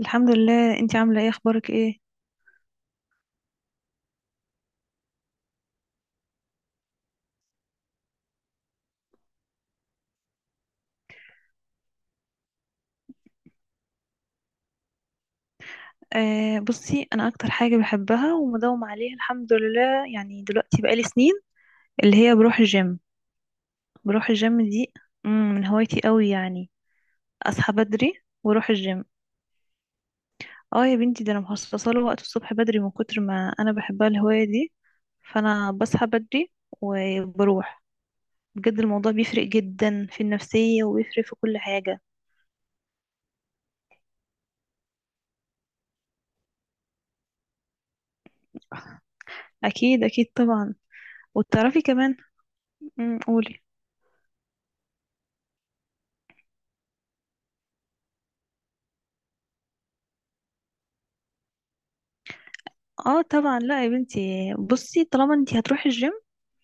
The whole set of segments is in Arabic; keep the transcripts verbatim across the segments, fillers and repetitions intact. الحمد لله، انتي عاملة ايه؟ اخبارك ايه؟ آه بصي، انا اكتر حاجة بحبها ومداوم عليها الحمد لله، يعني دلوقتي بقالي سنين اللي هي بروح الجيم. بروح الجيم دي. مم، من هوايتي قوي يعني. اصحى بدري واروح الجيم. اه يا بنتي، ده انا مخصصة له وقت الصبح بدري من كتر ما انا بحبها الهواية دي، فانا بصحى بدري وبروح. بجد الموضوع بيفرق جدا في النفسية وبيفرق في كل حاجة. اكيد اكيد طبعا. وتعرفي كمان. مم، قولي. اه طبعا، لا يا بنتي، بصي، طالما انت هتروحي الجيم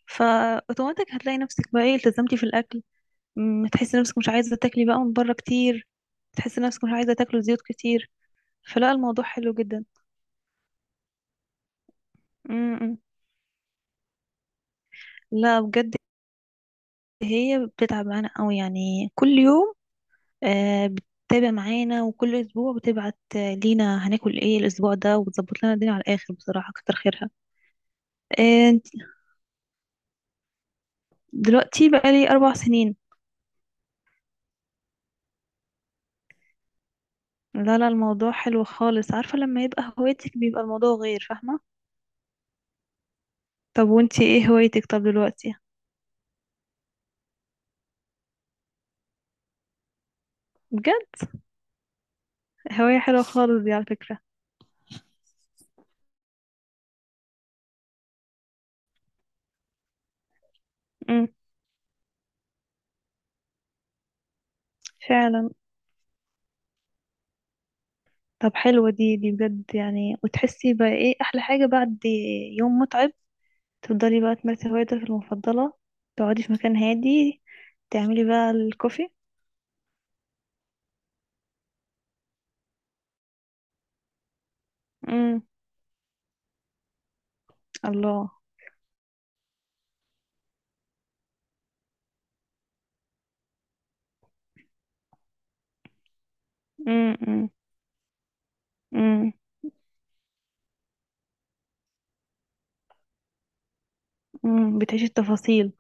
فاوتوماتيك هتلاقي نفسك بقى ايه التزمتي في الاكل. م، تحسي نفسك مش عايزه تاكلي بقى من بره كتير، تحسي نفسك مش عايزه تاكلي زيوت كتير، فلا الموضوع حلو جدا. م-م. لا بجد، هي بتتعب معانا قوي يعني كل يوم، آه بتتابع معانا، وكل اسبوع بتبعت آه، لينا هناكل ايه الاسبوع ده، وبتظبط لنا الدنيا على الاخر بصراحه، كتر خيرها. آه، دلوقتي بقى لي اربع سنين. لا، لا، الموضوع حلو خالص، عارفة لما يبقى هوايتك بيبقى الموضوع غير، فاهمة؟ طب وانتي ايه هوايتك؟ طب دلوقتي؟ بجد؟ هواية حلوة خالص دي على فكرة. امم. فعلا. طب حلوة دي دي بجد يعني، وتحسي بقى ايه احلى حاجة بعد يوم متعب؟ تفضلي بقى تمارسي هوايتك المفضلة، تقعدي في مكان هادي، تعملي بقى الكوفي. امم، الله. امم، امم. امم، أمم. بتعيشي التفاصيل.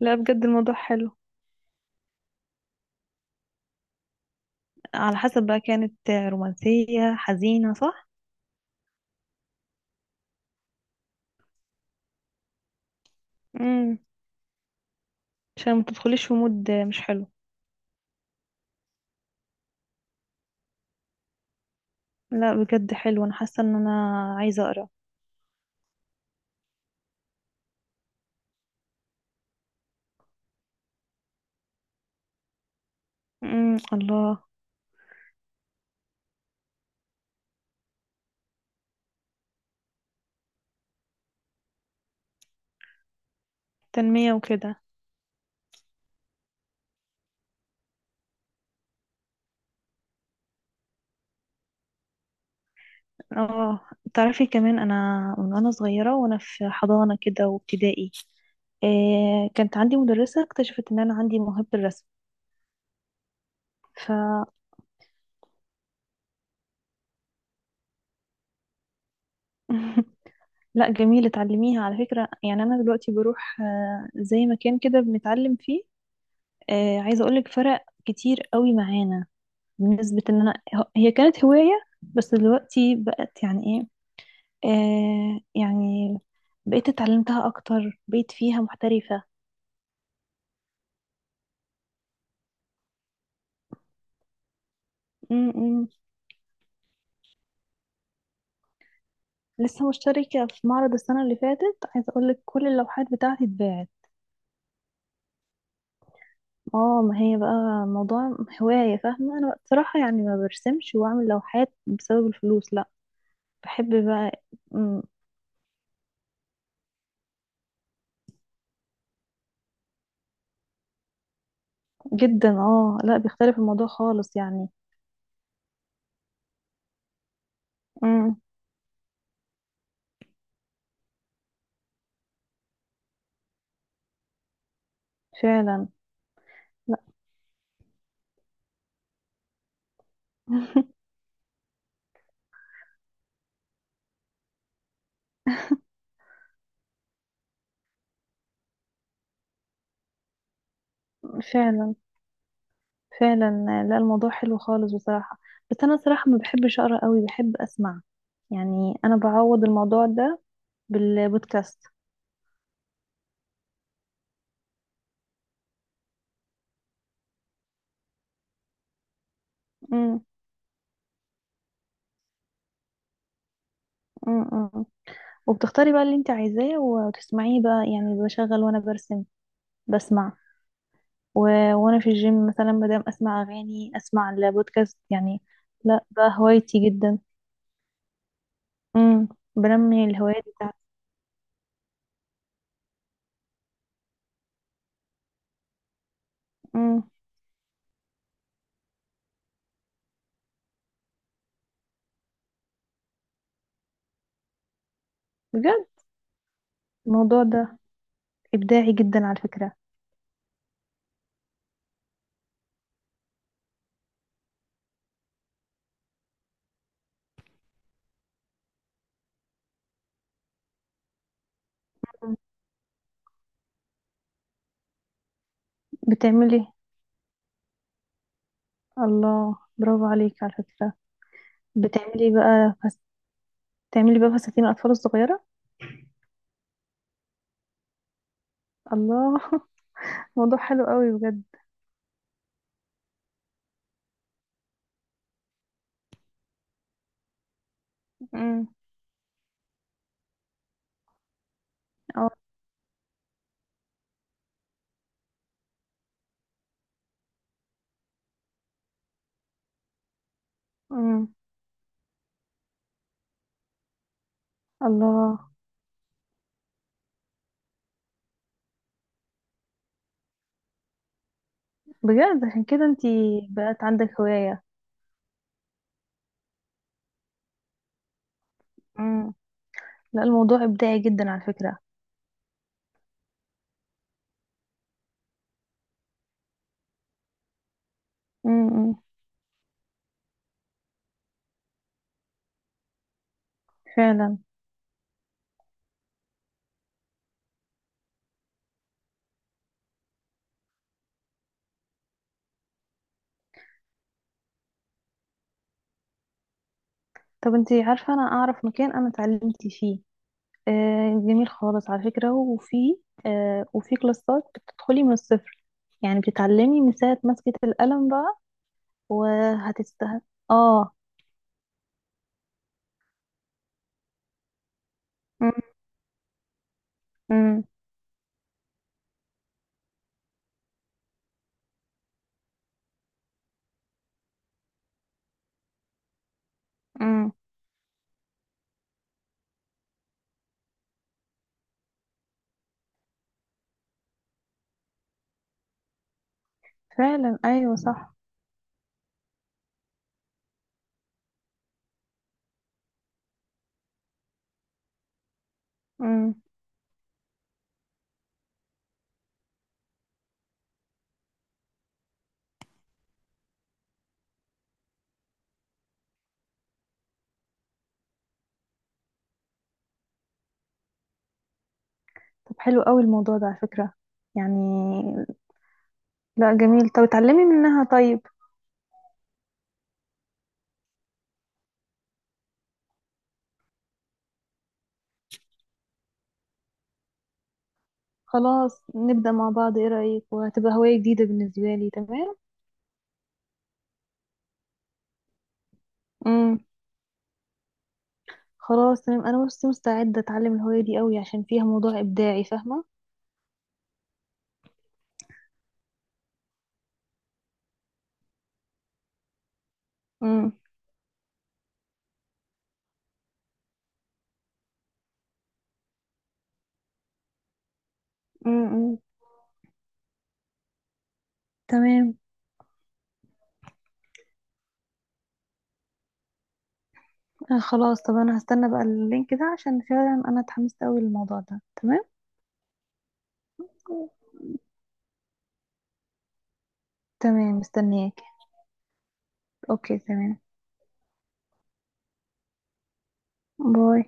لا بجد، الموضوع حلو. على حسب بقى، كانت رومانسية حزينة، صح؟ امم. عشان ما تدخليش في مود مش حلو. لا بجد حلو، انا حاسه ان انا عايزه اقرا. امم، الله. تنميه وكده. اه، تعرفي كمان انا، من وانا صغيره وانا في حضانه كده وابتدائي، إيه كانت عندي مدرسه اكتشفت ان انا عندي موهبه الرسم. ف لا جميل، اتعلميها على فكره، يعني انا دلوقتي بروح آه، زي مكان كده بنتعلم فيه. آه، عايزه اقولك فرق كتير قوي معانا بنسبة ان انا هي كانت هواية، بس دلوقتي بقت يعني ايه، آه يعني بقيت اتعلمتها اكتر، بقيت فيها محترفة. م -م. لسه مشتركة في معرض السنة اللي فاتت، عايزة اقولك كل اللوحات بتاعتي اتباعت. اه، ما هي بقى موضوع هواية، فاهمة؟ انا بصراحة يعني ما برسمش واعمل لوحات بسبب الفلوس، لا، بحب بقى. م. جدا، اه لا، بيختلف الموضوع خالص يعني. م. فعلا. لا. فعلا. فعلا. لا الموضوع حلو خالص بصراحة. بس أنا صراحة ما بحبش أقرأ قوي، بحب أسمع، يعني أنا بعوض الموضوع ده بالبودكاست. امم، امم، أمم. وبتختاري بقى اللي انت عايزاه وتسمعيه بقى، يعني بشغل وأنا برسم بسمع. و... وأنا في الجيم مثلا مادام أسمع أغاني أسمع البودكاست يعني. لا، ده هوايتي جدا. امم. بنمي الهوايات بتاعتي. امم. بجد الموضوع ده إبداعي جدا على فكرة. مم. بتعملي. الله، برافو عليك على فكرة. بتعملي بقى فس... بتعملي بقى فساتين الأطفال الصغيرة. الله. موضوع حلو قوي بجد. امم. اه. امم. الله. بجد، عشان كده انتي بقت عندك هواية. امم. لا الموضوع إبداعي جدا على فكرة. امم. فعلا. طب انتي عارفة، أنا أعرف مكان أنا اتعلمت فيه، آه جميل خالص على فكرة. وفي آه وفي كلاسات بتدخلي من الصفر، يعني بتتعلمي من ساعة مسكة القلم بقى، وهتست اه. امم. امم. فعلا، ايوه، صح. امم. طب حلو قوي الموضوع ده على فكرة يعني. لا جميل، طب اتعلمي منها طيب. خلاص نبدأ مع بعض، ايه رأيك؟ وهتبقى هواية جديدة بالنسبة لي، تمام. امم. خلاص تمام، انا بس مستعدة اتعلم الهواية دي قوي عشان فيها موضوع ابداعي، فاهمة؟ امم. امم. تمام. آه خلاص، طب انا هستنى بقى اللينك ده عشان فعلا انا اتحمست قوي للموضوع ده، تمام. تمام، مستنياك. اوكي تمام. باي.